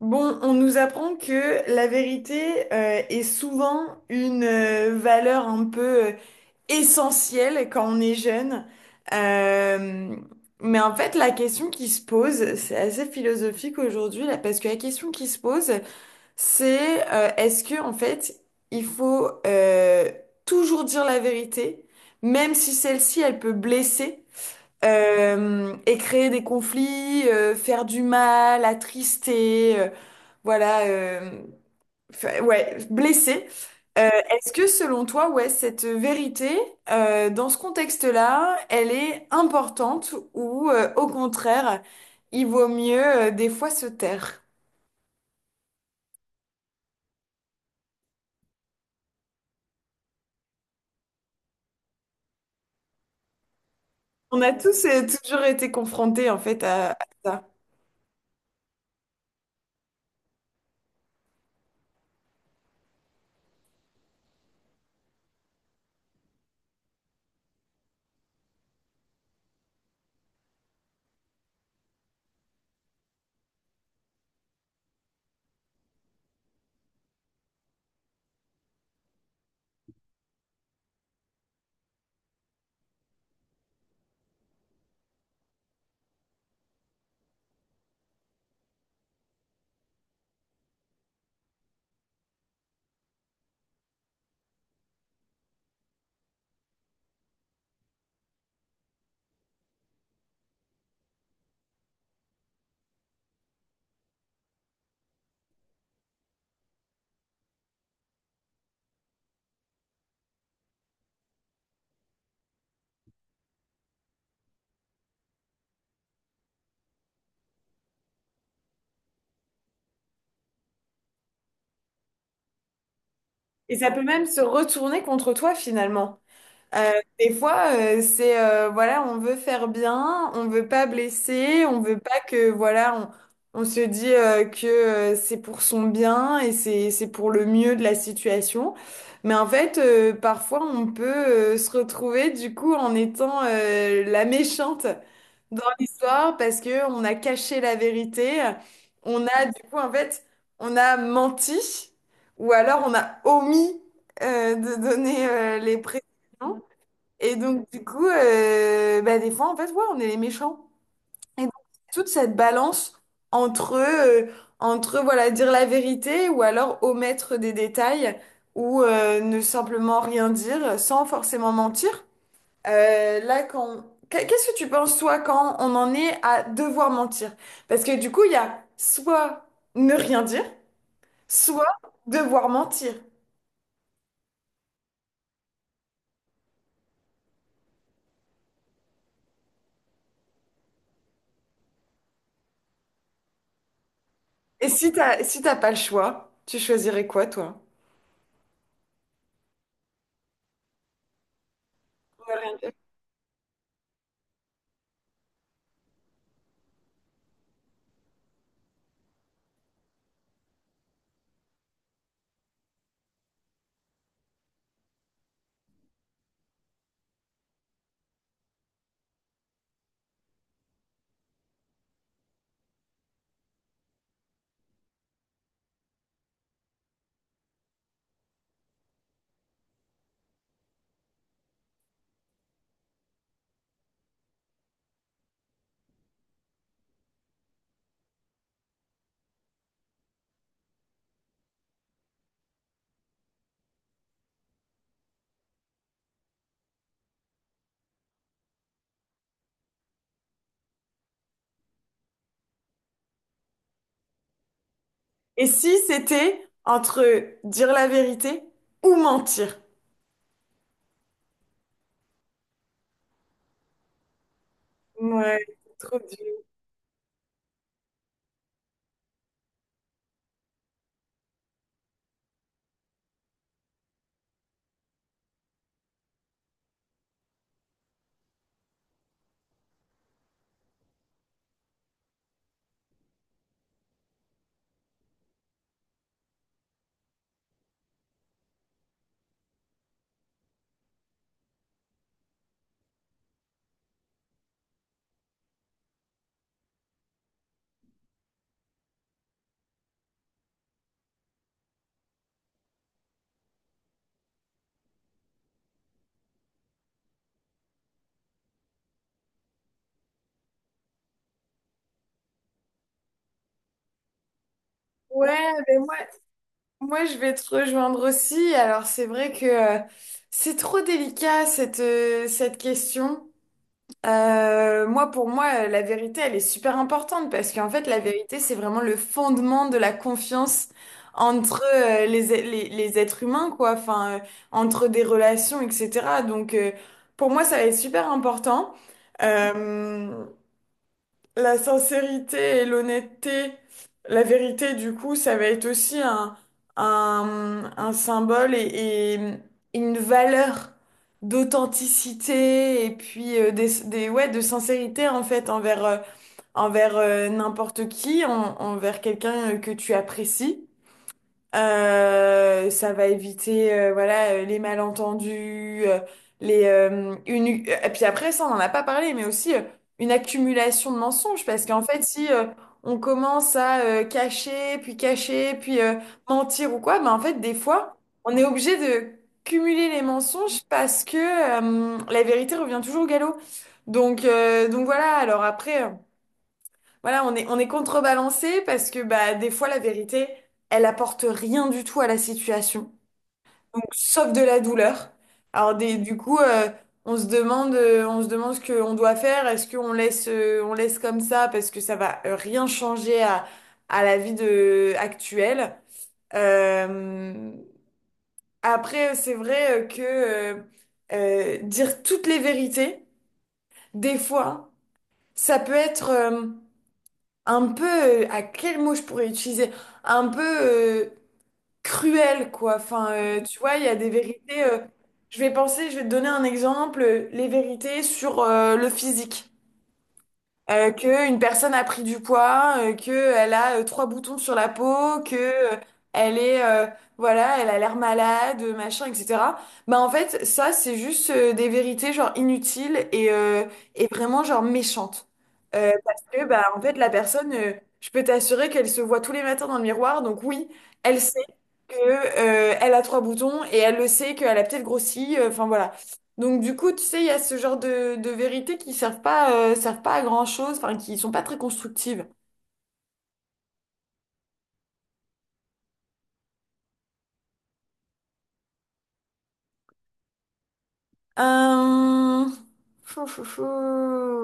Bon, on nous apprend que la vérité est souvent une valeur un peu essentielle quand on est jeune. Euh, mais en fait, la question qui se pose, c'est assez philosophique aujourd'hui, là, parce que la question qui se pose, c'est est-ce que en fait, il faut toujours dire la vérité, même si celle-ci, elle peut blesser? Et créer des conflits, faire du mal, attrister, voilà, euh, ouais, blesser. Euh, Est-ce que selon toi, ouais, cette vérité, dans ce contexte-là, elle est importante ou au contraire, il vaut mieux des fois se taire? On a tous toujours été confrontés en fait à ça. Et ça peut même se retourner contre toi finalement. Euh, des fois, c'est voilà, on veut faire bien, on veut pas blesser, on veut pas que voilà, on se dit que c'est pour son bien et c'est pour le mieux de la situation. Mais en fait, parfois, on peut se retrouver du coup en étant la méchante dans l'histoire parce que on a caché la vérité, on a du coup en fait, on a menti ou alors on a omis de donner les précisions. Et donc, du coup, bah, des fois, en fait, ouais, on est les méchants. Et donc, toute cette balance entre, entre voilà, dire la vérité ou alors omettre des détails ou ne simplement rien dire sans forcément mentir. Euh, là, quand... Qu'est-ce que tu penses, toi, quand on en est à devoir mentir? Parce que du coup, il y a soit ne rien dire, soit devoir mentir. Et si t'as pas le choix, tu choisirais quoi, toi? Et si c'était entre dire la vérité ou mentir? Ouais, c'est trop dur. Ouais, mais moi, je vais te rejoindre aussi. Alors, c'est vrai que c'est trop délicat cette question. Pour moi, la vérité, elle est super importante parce qu'en fait, la vérité, c'est vraiment le fondement de la confiance entre les êtres humains, quoi, enfin, entre des relations, etc. Donc, pour moi, ça va être super important. Euh, la sincérité et l'honnêteté, la vérité, du coup, ça va être aussi un symbole et une valeur d'authenticité et puis ouais, de sincérité en fait envers, envers n'importe qui, envers quelqu'un que tu apprécies. Ça va éviter voilà les malentendus, les une et puis après ça on n'en a pas parlé mais aussi une accumulation de mensonges parce qu'en fait si on commence à cacher puis mentir ou quoi ben en fait des fois on est obligé de cumuler les mensonges parce que la vérité revient toujours au galop. Donc voilà alors après voilà, on est contrebalancé parce que bah, des fois, la vérité, elle apporte rien du tout à la situation. Donc, sauf de la douleur. Du coup, on se demande ce qu'on doit faire. Est-ce qu'on laisse, on laisse comme ça parce que ça va rien changer à la vie de, actuelle. Euh, Après, c'est vrai que dire toutes les vérités, des fois, ça peut être... un peu, à quel mot je pourrais utiliser? Un peu euh, cruel, quoi. Enfin, tu vois, il y a des vérités. Je vais penser, je vais te donner un exemple, les vérités sur le physique que une personne a pris du poids, que elle a trois boutons sur la peau, que elle est voilà, elle a l'air malade, machin, etc. Bah en fait, ça c'est juste des vérités genre inutiles et et vraiment genre méchantes. Parce que bah en fait je peux t'assurer qu'elle se voit tous les matins dans le miroir, donc oui, elle sait que elle a trois boutons et elle le sait qu'elle a peut-être grossi. Enfin voilà, donc du coup, tu sais, il y a ce genre de vérités qui servent pas à grand-chose, enfin qui sont pas très constructives. Euh... Chou, chou, chou.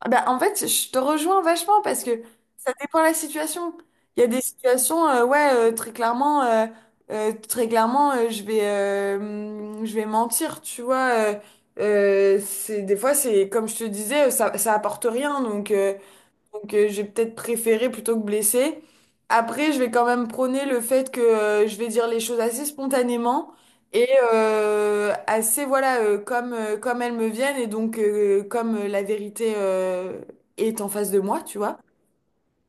Ah bah, en fait, je te rejoins vachement parce que ça dépend de la situation. Il y a des situations, ouais, très clairement, je vais mentir, tu vois. C'est des fois, c'est comme je te disais, ça apporte rien, donc. Donc j'ai peut-être préféré plutôt que blessé. Après, je vais quand même prôner le fait que je vais dire les choses assez spontanément et assez, voilà, comme elles me viennent et donc comme la vérité est en face de moi, tu vois.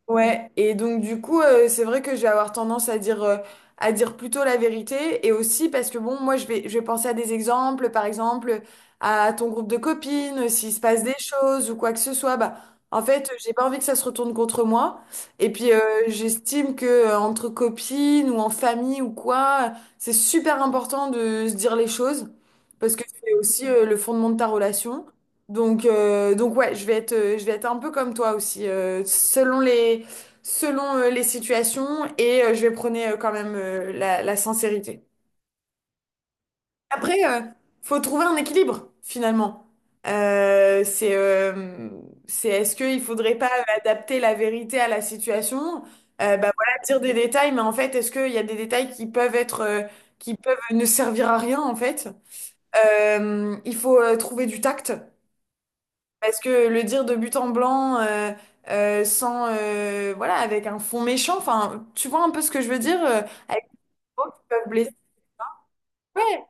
Ouais, et donc du coup, c'est vrai que je vais avoir tendance à dire plutôt la vérité, et aussi parce que bon, je vais penser à des exemples, par exemple à ton groupe de copines, s'il se passe des choses ou quoi que ce soit, bah en fait, j'ai pas envie que ça se retourne contre moi. Et puis j'estime que entre copines ou en famille ou quoi, c'est super important de se dire les choses parce que c'est aussi le fondement de ta relation. Donc, donc ouais, je vais être un peu comme toi aussi, selon les situations et je vais prôner quand même la sincérité. Après, faut trouver un équilibre finalement. Euh, c'est, euh, c'est est-ce qu'il faudrait pas adapter la vérité à la situation? Bah voilà, dire des détails, mais en fait, est-ce qu'il y a des détails qui peuvent être, qui peuvent ne servir à rien en fait? Il faut trouver du tact. Parce que le dire de but en blanc, sans, voilà, avec un fond méchant, enfin, tu vois un peu ce que je veux dire, avec des mots qui peuvent blesser. Ouais,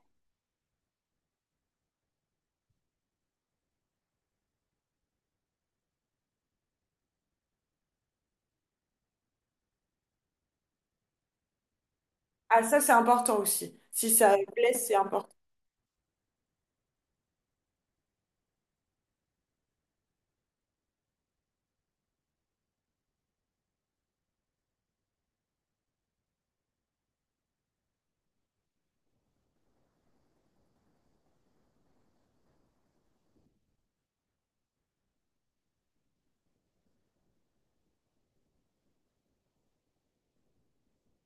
ah ça c'est important aussi. Si ça blesse, c'est important.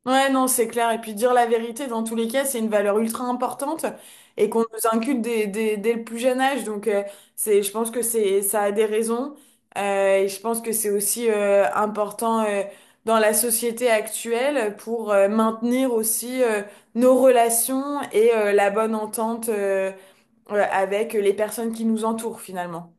Ouais, non, c'est clair. Et puis dire la vérité, dans tous les cas, c'est une valeur ultra importante et qu'on nous inculque dès le plus jeune âge. Donc, je pense que c'est, ça a des raisons. Et je pense que c'est aussi important dans la société actuelle pour maintenir aussi nos relations et la bonne entente avec les personnes qui nous entourent finalement.